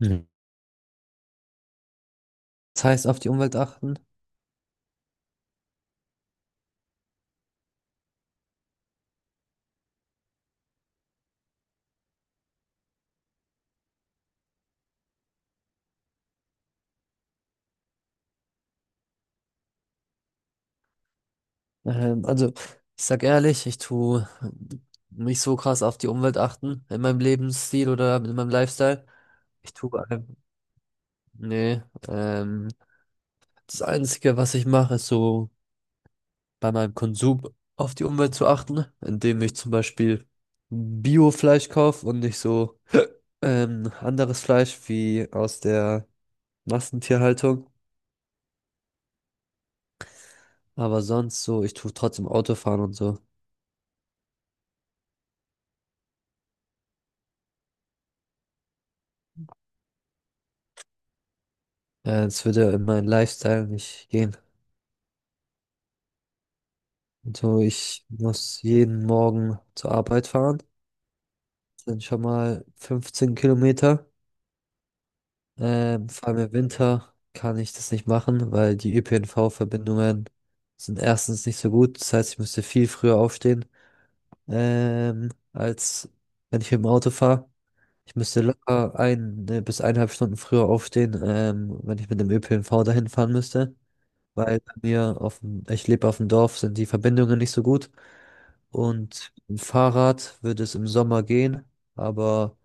Mhm. Das heißt, auf die Umwelt achten. Also, ich sag ehrlich, ich tue nicht so krass auf die Umwelt achten in meinem Lebensstil oder in meinem Lifestyle. Ich tue, nee, ähm, das Einzige, was ich mache, ist so bei meinem Konsum auf die Umwelt zu achten, indem ich zum Beispiel Bio-Fleisch kaufe und nicht so anderes Fleisch wie aus der Massentierhaltung. Aber sonst so, ich tue trotzdem Autofahren und so. Ja, das würde ja in meinen Lifestyle nicht gehen. So, ich muss jeden Morgen zur Arbeit fahren. Das sind schon mal 15 Kilometer. Vor allem im Winter kann ich das nicht machen, weil die ÖPNV-Verbindungen sind erstens nicht so gut. Das heißt, ich müsste viel früher aufstehen, als wenn ich mit dem Auto fahre. Ich müsste locker ein bis eineinhalb Stunden früher aufstehen, wenn ich mit dem ÖPNV dahin fahren müsste. Weil bei mir auf dem, ich lebe auf dem Dorf, sind die Verbindungen nicht so gut und mit dem Fahrrad würde es im Sommer gehen, aber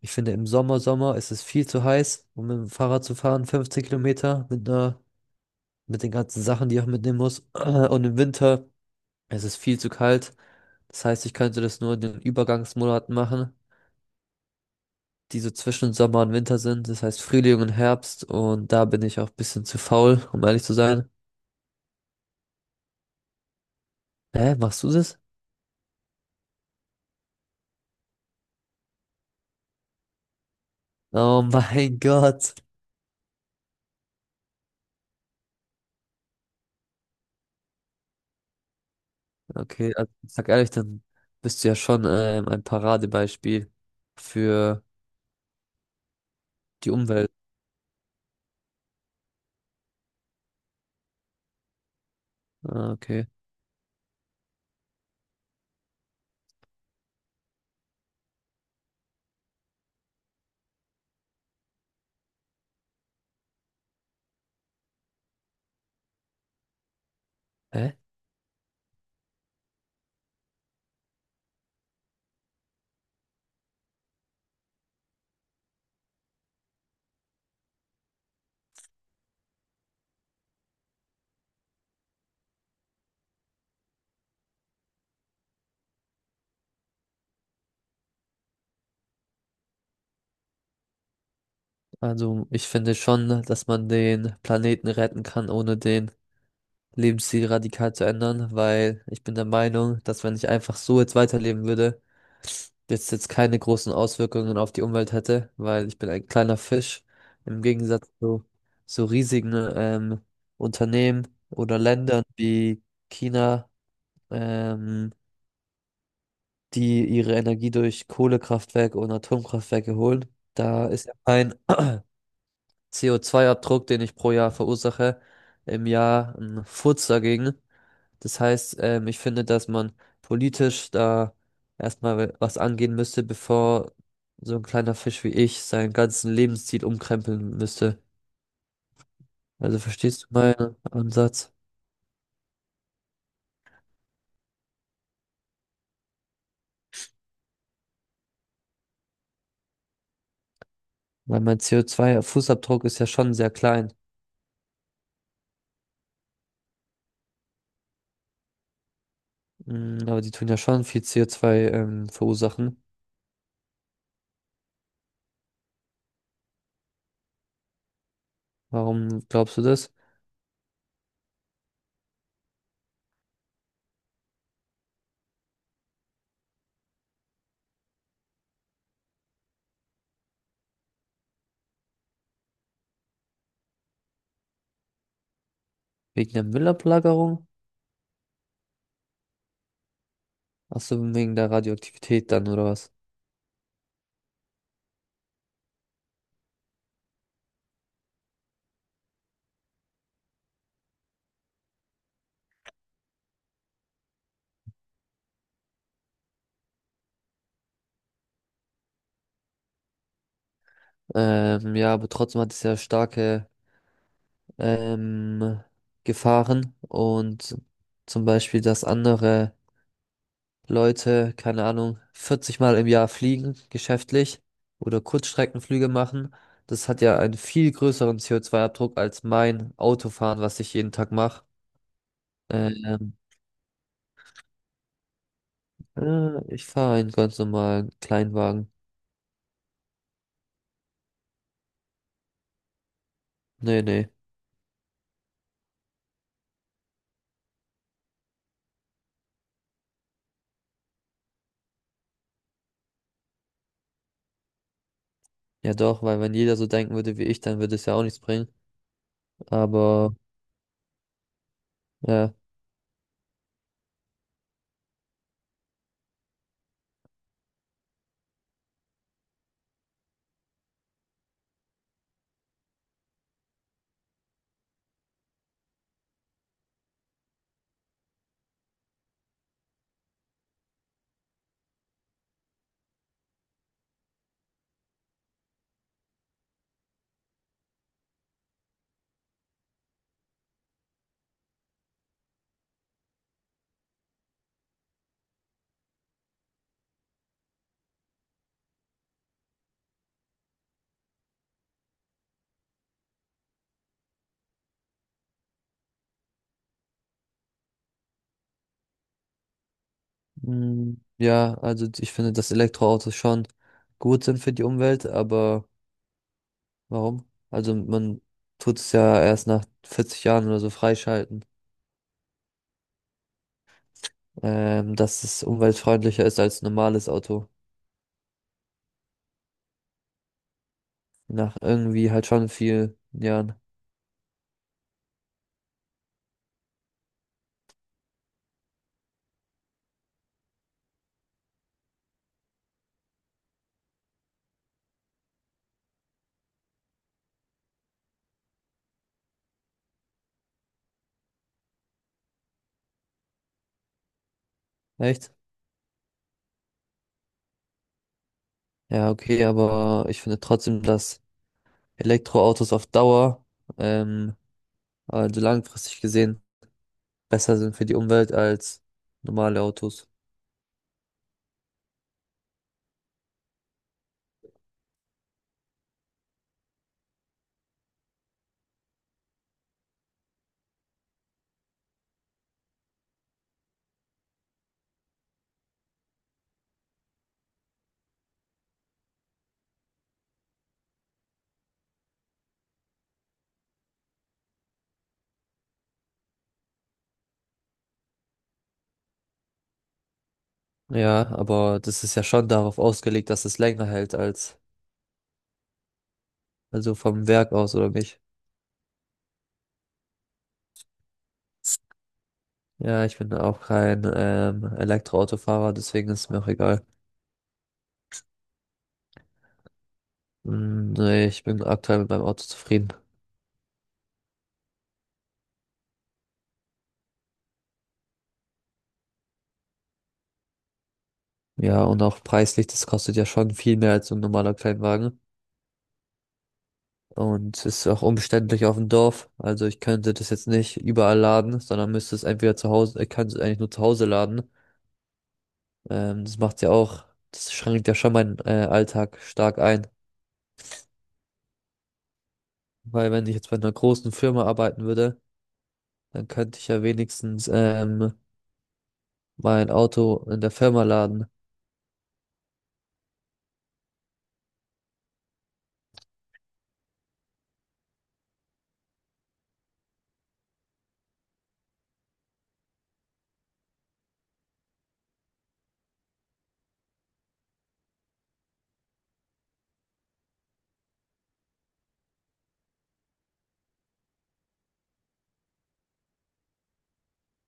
ich finde im Sommer, Sommer ist es viel zu heiß, um mit dem Fahrrad zu fahren, 15 Kilometer mit einer, mit den ganzen Sachen, die ich auch mitnehmen muss und im Winter ist es viel zu kalt, das heißt, ich könnte das nur in den Übergangsmonaten machen, die so zwischen Sommer und Winter sind, das heißt Frühling und Herbst und da bin ich auch ein bisschen zu faul, um ehrlich zu sein. Hä, machst du das? Oh mein Gott. Okay, also ich sag ehrlich, dann bist du ja schon ein Paradebeispiel für die Umwelt. Ah, okay. Hä? Also ich finde schon, dass man den Planeten retten kann, ohne den Lebensstil radikal zu ändern, weil ich bin der Meinung, dass wenn ich einfach so jetzt weiterleben würde, jetzt keine großen Auswirkungen auf die Umwelt hätte, weil ich bin ein kleiner Fisch im Gegensatz zu so riesigen Unternehmen oder Ländern wie China. Ähm, Die ihre Energie durch Kohlekraftwerke und Atomkraftwerke holen. Da ist ja mein CO2-Abdruck, den ich pro Jahr verursache, im Jahr ein Furz dagegen. Das heißt, ich finde, dass man politisch da erstmal was angehen müsste, bevor so ein kleiner Fisch wie ich seinen ganzen Lebensstil umkrempeln müsste. Also verstehst du meinen Ansatz? Weil mein CO2-Fußabdruck ist ja schon sehr klein. Aber die tun ja schon viel CO2, verursachen. Warum glaubst du das? Wegen der Müllablagerung? Ach so, wegen der Radioaktivität dann, oder was? Ja, aber trotzdem hat es ja starke ähm, Gefahren und zum Beispiel, dass andere Leute, keine Ahnung, 40 Mal im Jahr fliegen, geschäftlich oder Kurzstreckenflüge machen. Das hat ja einen viel größeren CO2-Abdruck als mein Autofahren, was ich jeden Tag mache. Ähm, ich fahre einen ganz normalen Kleinwagen. Nee, nee. Ja doch, weil wenn jeder so denken würde wie ich, dann würde es ja auch nichts bringen. Aber ja, ja, also ich finde, dass Elektroautos schon gut sind für die Umwelt, aber warum? Also man tut es ja erst nach 40 Jahren oder so freischalten, dass es umweltfreundlicher ist als ein normales Auto. Nach irgendwie halt schon vielen Jahren. Echt? Ja, okay, aber ich finde trotzdem, dass Elektroautos auf Dauer, ähm, also langfristig gesehen, besser sind für die Umwelt als normale Autos. Ja, aber das ist ja schon darauf ausgelegt, dass es länger hält als, also vom Werk aus oder nicht. Ja, ich bin auch kein Elektroautofahrer, deswegen ist es mir auch egal. Nee, ich bin aktuell mit meinem Auto zufrieden. Ja, und auch preislich, das kostet ja schon viel mehr als so ein normaler Kleinwagen. Und ist auch umständlich auf dem Dorf. Also ich könnte das jetzt nicht überall laden, sondern müsste es entweder zu Hause, ich kann es eigentlich nur zu Hause laden. Das macht's ja auch, das schränkt ja schon meinen Alltag stark ein. Weil wenn ich jetzt bei einer großen Firma arbeiten würde, dann könnte ich ja wenigstens mein Auto in der Firma laden.